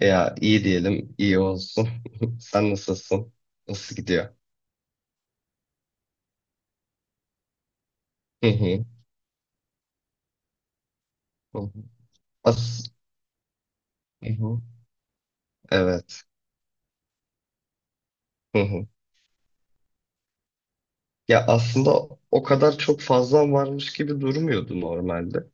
Ya iyi diyelim, iyi olsun. Sen nasılsın? Nasıl gidiyor? Hı hı. Hı hı. As hı hı. Evet. Hı hı. Ya aslında o kadar çok fazla varmış gibi durmuyordu normalde.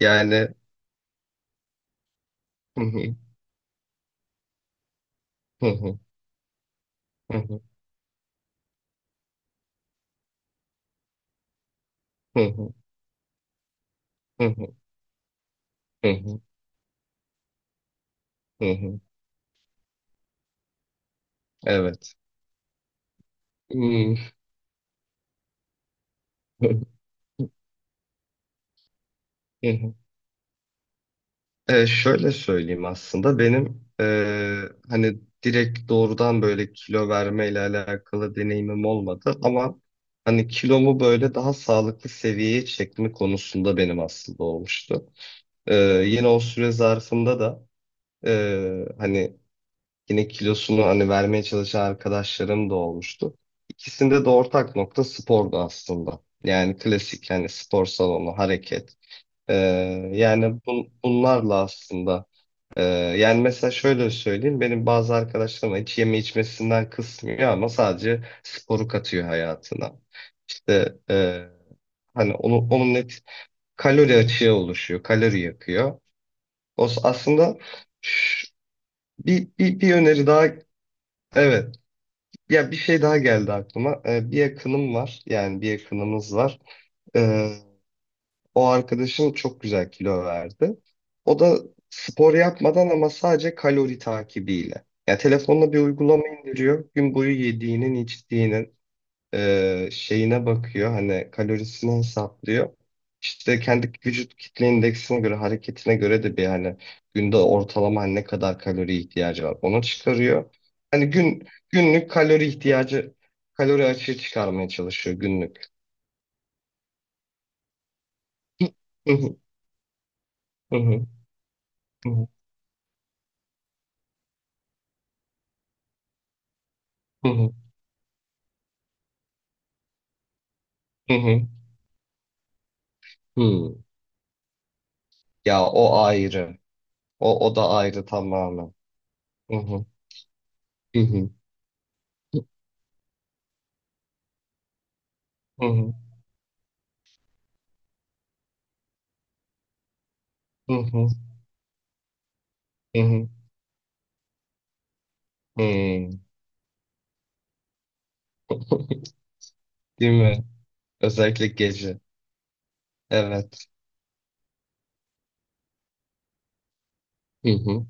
Yani hı hı. Hı hı. Hı hı. Hı hı. Hı hı. Hı hı. Hı hı. Evet. Hmm. Hı hı. Şöyle söyleyeyim aslında benim hani direkt doğrudan böyle kilo vermeyle alakalı deneyimim olmadı ama hani kilomu böyle daha sağlıklı seviyeye çekme konusunda benim aslında olmuştu. E, Yine o süre zarfında da hani yine kilosunu hani vermeye çalışan arkadaşlarım da olmuştu. İkisinde de ortak nokta spordu aslında. Yani klasik yani spor salonu, hareket. E, yani bunlarla aslında ee, yani mesela şöyle söyleyeyim. Benim bazı arkadaşlarım hiç yeme içmesinden kısmıyor ama sadece sporu katıyor hayatına. İşte hani onun net kalori açığı oluşuyor. Kalori yakıyor. Aslında ş- bir öneri daha evet. Ya bir şey daha geldi aklıma. Bir yakınım var. Yani bir yakınımız var. Ee, O arkadaşım çok güzel kilo verdi. O da spor yapmadan ama sadece kalori takibiyle. Ya telefonla bir uygulama indiriyor. Gün boyu yediğinin, içtiğinin şeyine bakıyor. Hani kalorisini hesaplıyor. İşte kendi vücut kitle indeksine göre, hareketine göre de bir hani günde ortalama ne kadar kalori ihtiyacı var onu çıkarıyor. Hani gün günlük kalori ihtiyacı, kalori açığı çıkarmaya çalışıyor günlük. Hı hı, hı hı, hı hı, hı hı. Hmm. Ya o ayrı. O da ayrı tamamen. Hı hı. Hı hı. Hı hı. Hı hı. Hı hı. Hmm. Değil mi? Özellikle gece. Evet. Hı hı.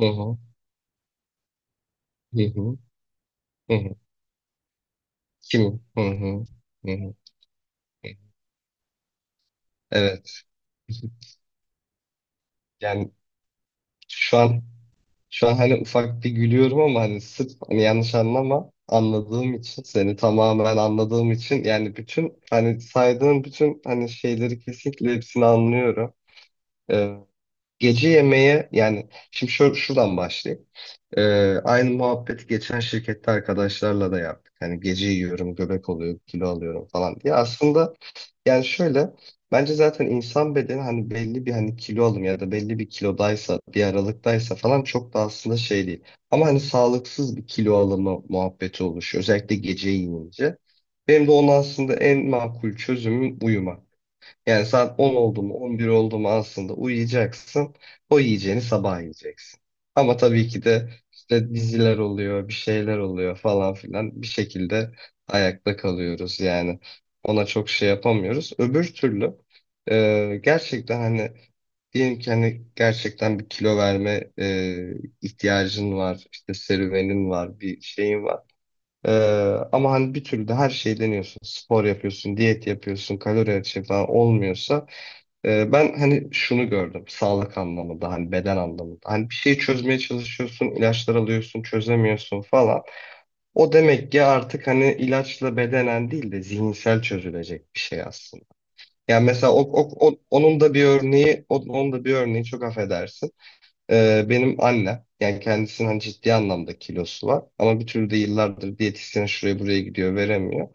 Hı hı. Hı hı. Hı hı. Kim? Hı hı. Hı hı. Evet. Yani şu an şu an hani ufak bir gülüyorum ama hani sırf hani yanlış anlama anladığım için seni tamamen anladığım için yani bütün hani saydığın bütün hani şeyleri kesinlikle hepsini anlıyorum. Ee, Gece yemeğe yani şimdi şuradan başlayayım. Ee, Aynı muhabbeti geçen şirkette arkadaşlarla da yaptık. Hani gece yiyorum, göbek oluyor, kilo alıyorum falan diye. Aslında yani şöyle bence zaten insan bedeni hani belli bir hani kilo alım ya da belli bir kilodaysa, bir aralıktaysa falan çok da aslında şey değil. Ama hani sağlıksız bir kilo alımı muhabbeti oluşuyor. Özellikle gece yiyince. Benim de onun aslında en makul çözümüm uyuma. Yani saat 10 oldu mu 11 oldu mu aslında uyuyacaksın. O yiyeceğini sabah yiyeceksin. Ama tabii ki de işte diziler oluyor, bir şeyler oluyor falan filan bir şekilde ayakta kalıyoruz yani. Ona çok şey yapamıyoruz. Öbür türlü gerçekten hani diyelim ki hani gerçekten bir kilo verme ihtiyacın var, işte serüvenin var, bir şeyin var. Ee, Ama hani bir türlü de her şeyi deniyorsun. Spor yapıyorsun, diyet yapıyorsun, kalori açığı falan olmuyorsa ben hani şunu gördüm sağlık anlamında hani beden anlamında hani bir şeyi çözmeye çalışıyorsun ilaçlar alıyorsun çözemiyorsun falan o demek ki artık hani ilaçla bedenen değil de zihinsel çözülecek bir şey aslında. Yani mesela onun da bir örneği çok affedersin. Benim annem yani kendisinin hani ciddi anlamda kilosu var ama bir türlü de yıllardır diyetisyene şuraya buraya gidiyor veremiyor.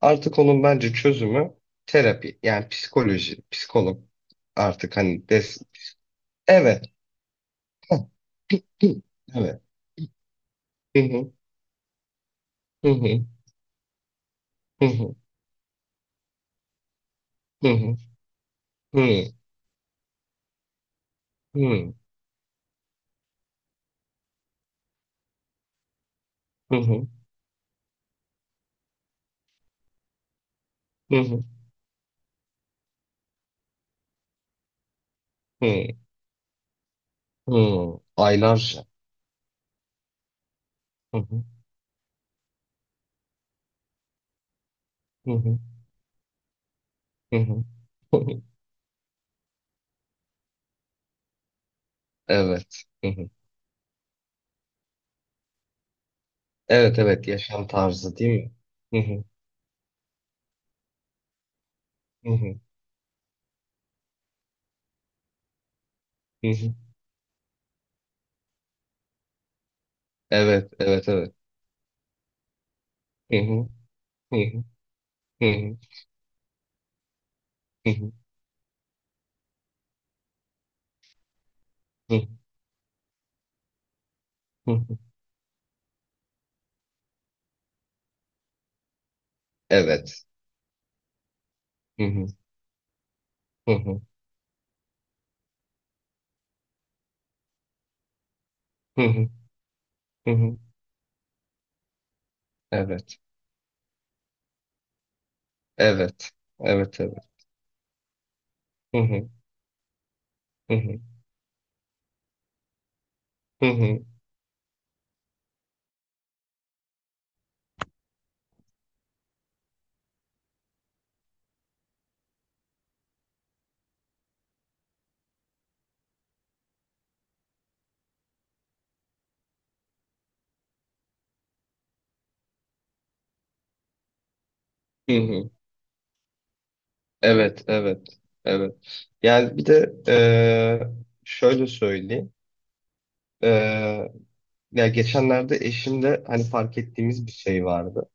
Artık onun bence çözümü terapi yani psikoloji, psikolog artık hani evet hı, evet. Hı hı, hı hı, hı hı, hı hı, hı hı, hı hı, hı hı, hı hı. Aylarca. Hı hı, hı hı, hı hı, hı hı. Evet. Hı hı. Evet, evet yaşam tarzı değil mi? Hı hı, hı hı, hı hı. Evet, evet, evet. Hı hı, hı hı, hı hı, hı hı, hı hı. Evet. Hı hı, hı hı, hı hı, hı hı. Evet, evet, evet, evet. Hı hı, hı hı, hı hı, hı hı. Evet, evet, evet. Yani bir de şöyle söyleyeyim. Eee, Ya geçenlerde eşimle hani fark ettiğimiz bir şey vardı.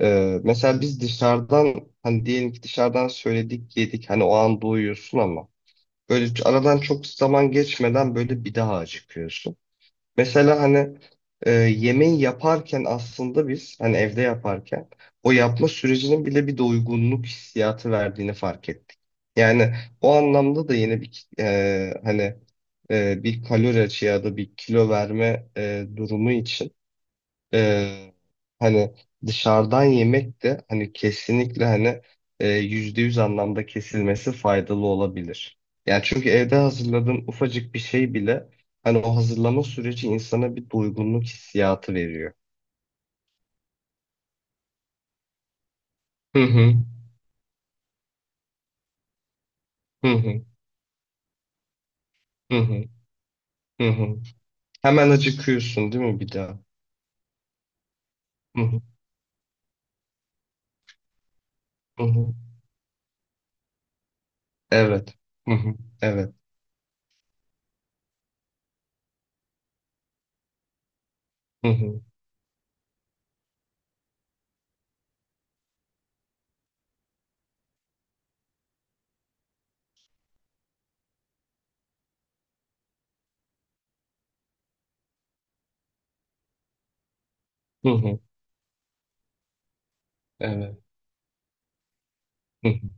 Mesela biz dışarıdan hani diyelim ki dışarıdan söyledik yedik hani o an doyuyorsun ama böyle aradan çok zaman geçmeden böyle bir daha acıkıyorsun. Mesela hani yemeği yaparken aslında biz hani evde yaparken o yapma sürecinin bile bir doygunluk hissiyatı verdiğini fark ettik. Yani o anlamda da yine bir hani bir kalori açığı ya da bir kilo verme durumu için ee, hani dışarıdan yemek de hani kesinlikle hani %100 anlamda kesilmesi faydalı olabilir. Yani çünkü evde hazırladığın ufacık bir şey bile hani o hazırlama süreci insana bir doygunluk hissiyatı veriyor. Hı hı hı hı hı hı hı. Hı. Hemen acıkıyorsun değil mi bir daha? Hı hı hı. Hı. Evet. Hı hı. Evet. Hı hı hı. Hı. Evet. Hı hı.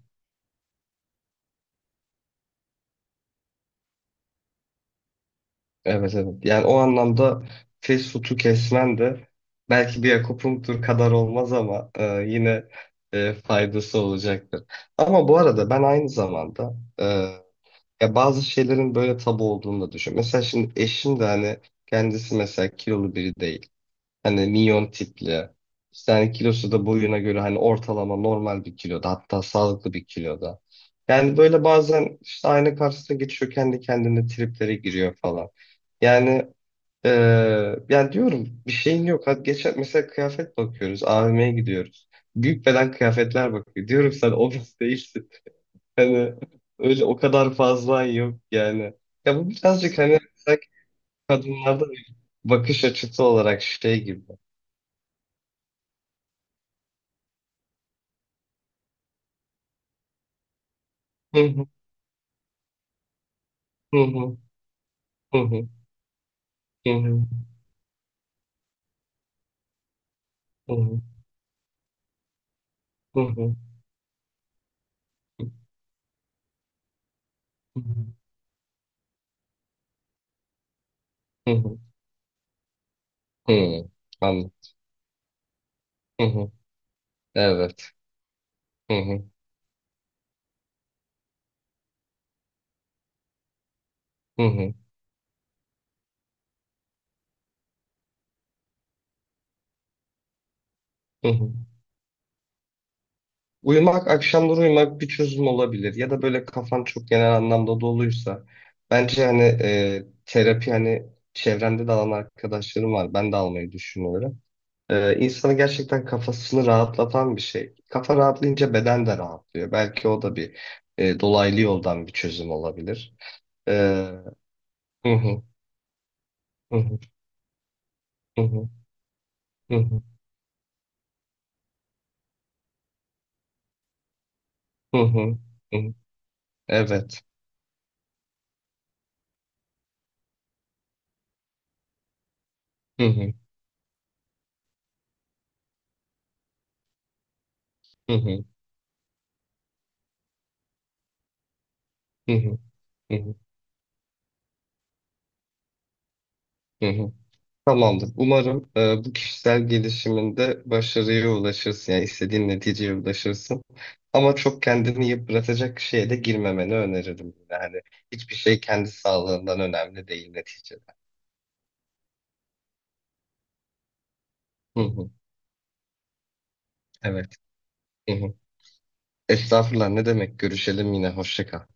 Evet, evet. Yani o anlamda fast food'u kesmen de belki bir akupunktur kadar olmaz ama yine faydası olacaktır. Ama bu arada ben aynı zamanda ya bazı şeylerin böyle tabu olduğunu da düşünüyorum. Mesela şimdi eşim de hani kendisi mesela kilolu biri değil. Hani minyon tipli. İşte hani kilosu da boyuna göre hani ortalama normal bir kiloda hatta sağlıklı bir kiloda. Yani böyle bazen işte ayna karşısına geçiyor kendi kendine triplere giriyor falan. Yani yani diyorum bir şeyin yok. Hadi geçen mesela kıyafet bakıyoruz. AVM'ye gidiyoruz. Büyük beden kıyafetler bakıyor. Diyorum sen obez değilsin. Hani öyle o kadar fazla yok yani. Ya bu birazcık hani sanki kadınlarda bir bakış açısı olarak şey gibi. Hı hı, hı hı, hı hı, hı hı, hı hı, hı hı, hı. Anladım. Hı hı. Evet. Hı hı, hı hı, hı hı. Uyumak, akşamları uyumak bir çözüm olabilir. Ya da böyle kafan çok genel anlamda doluysa. Bence hani terapi hani çevrende de alan arkadaşlarım var. Ben de almayı düşünüyorum. İnsanı gerçekten kafasını rahatlatan bir şey. Kafa rahatlayınca beden de rahatlıyor. Belki o da bir dolaylı yoldan bir çözüm olabilir. E, Hı hı. Hı hı, hı hı, hı hı, hı hı, hı. Hı. Evet. Hı hı, hı hı, hı hı, hı hı, hı hı. Tamamdır. Umarım bu kişisel gelişiminde başarıya ulaşırsın. Yani istediğin neticeye ulaşırsın. Ama çok kendini yıpratacak şeye de girmemeni öneririm. Yani hiçbir şey kendi sağlığından önemli değil neticede. Hı hı, evet. Hı hı. Estağfurullah, ne demek? Görüşelim yine. Hoşça kal.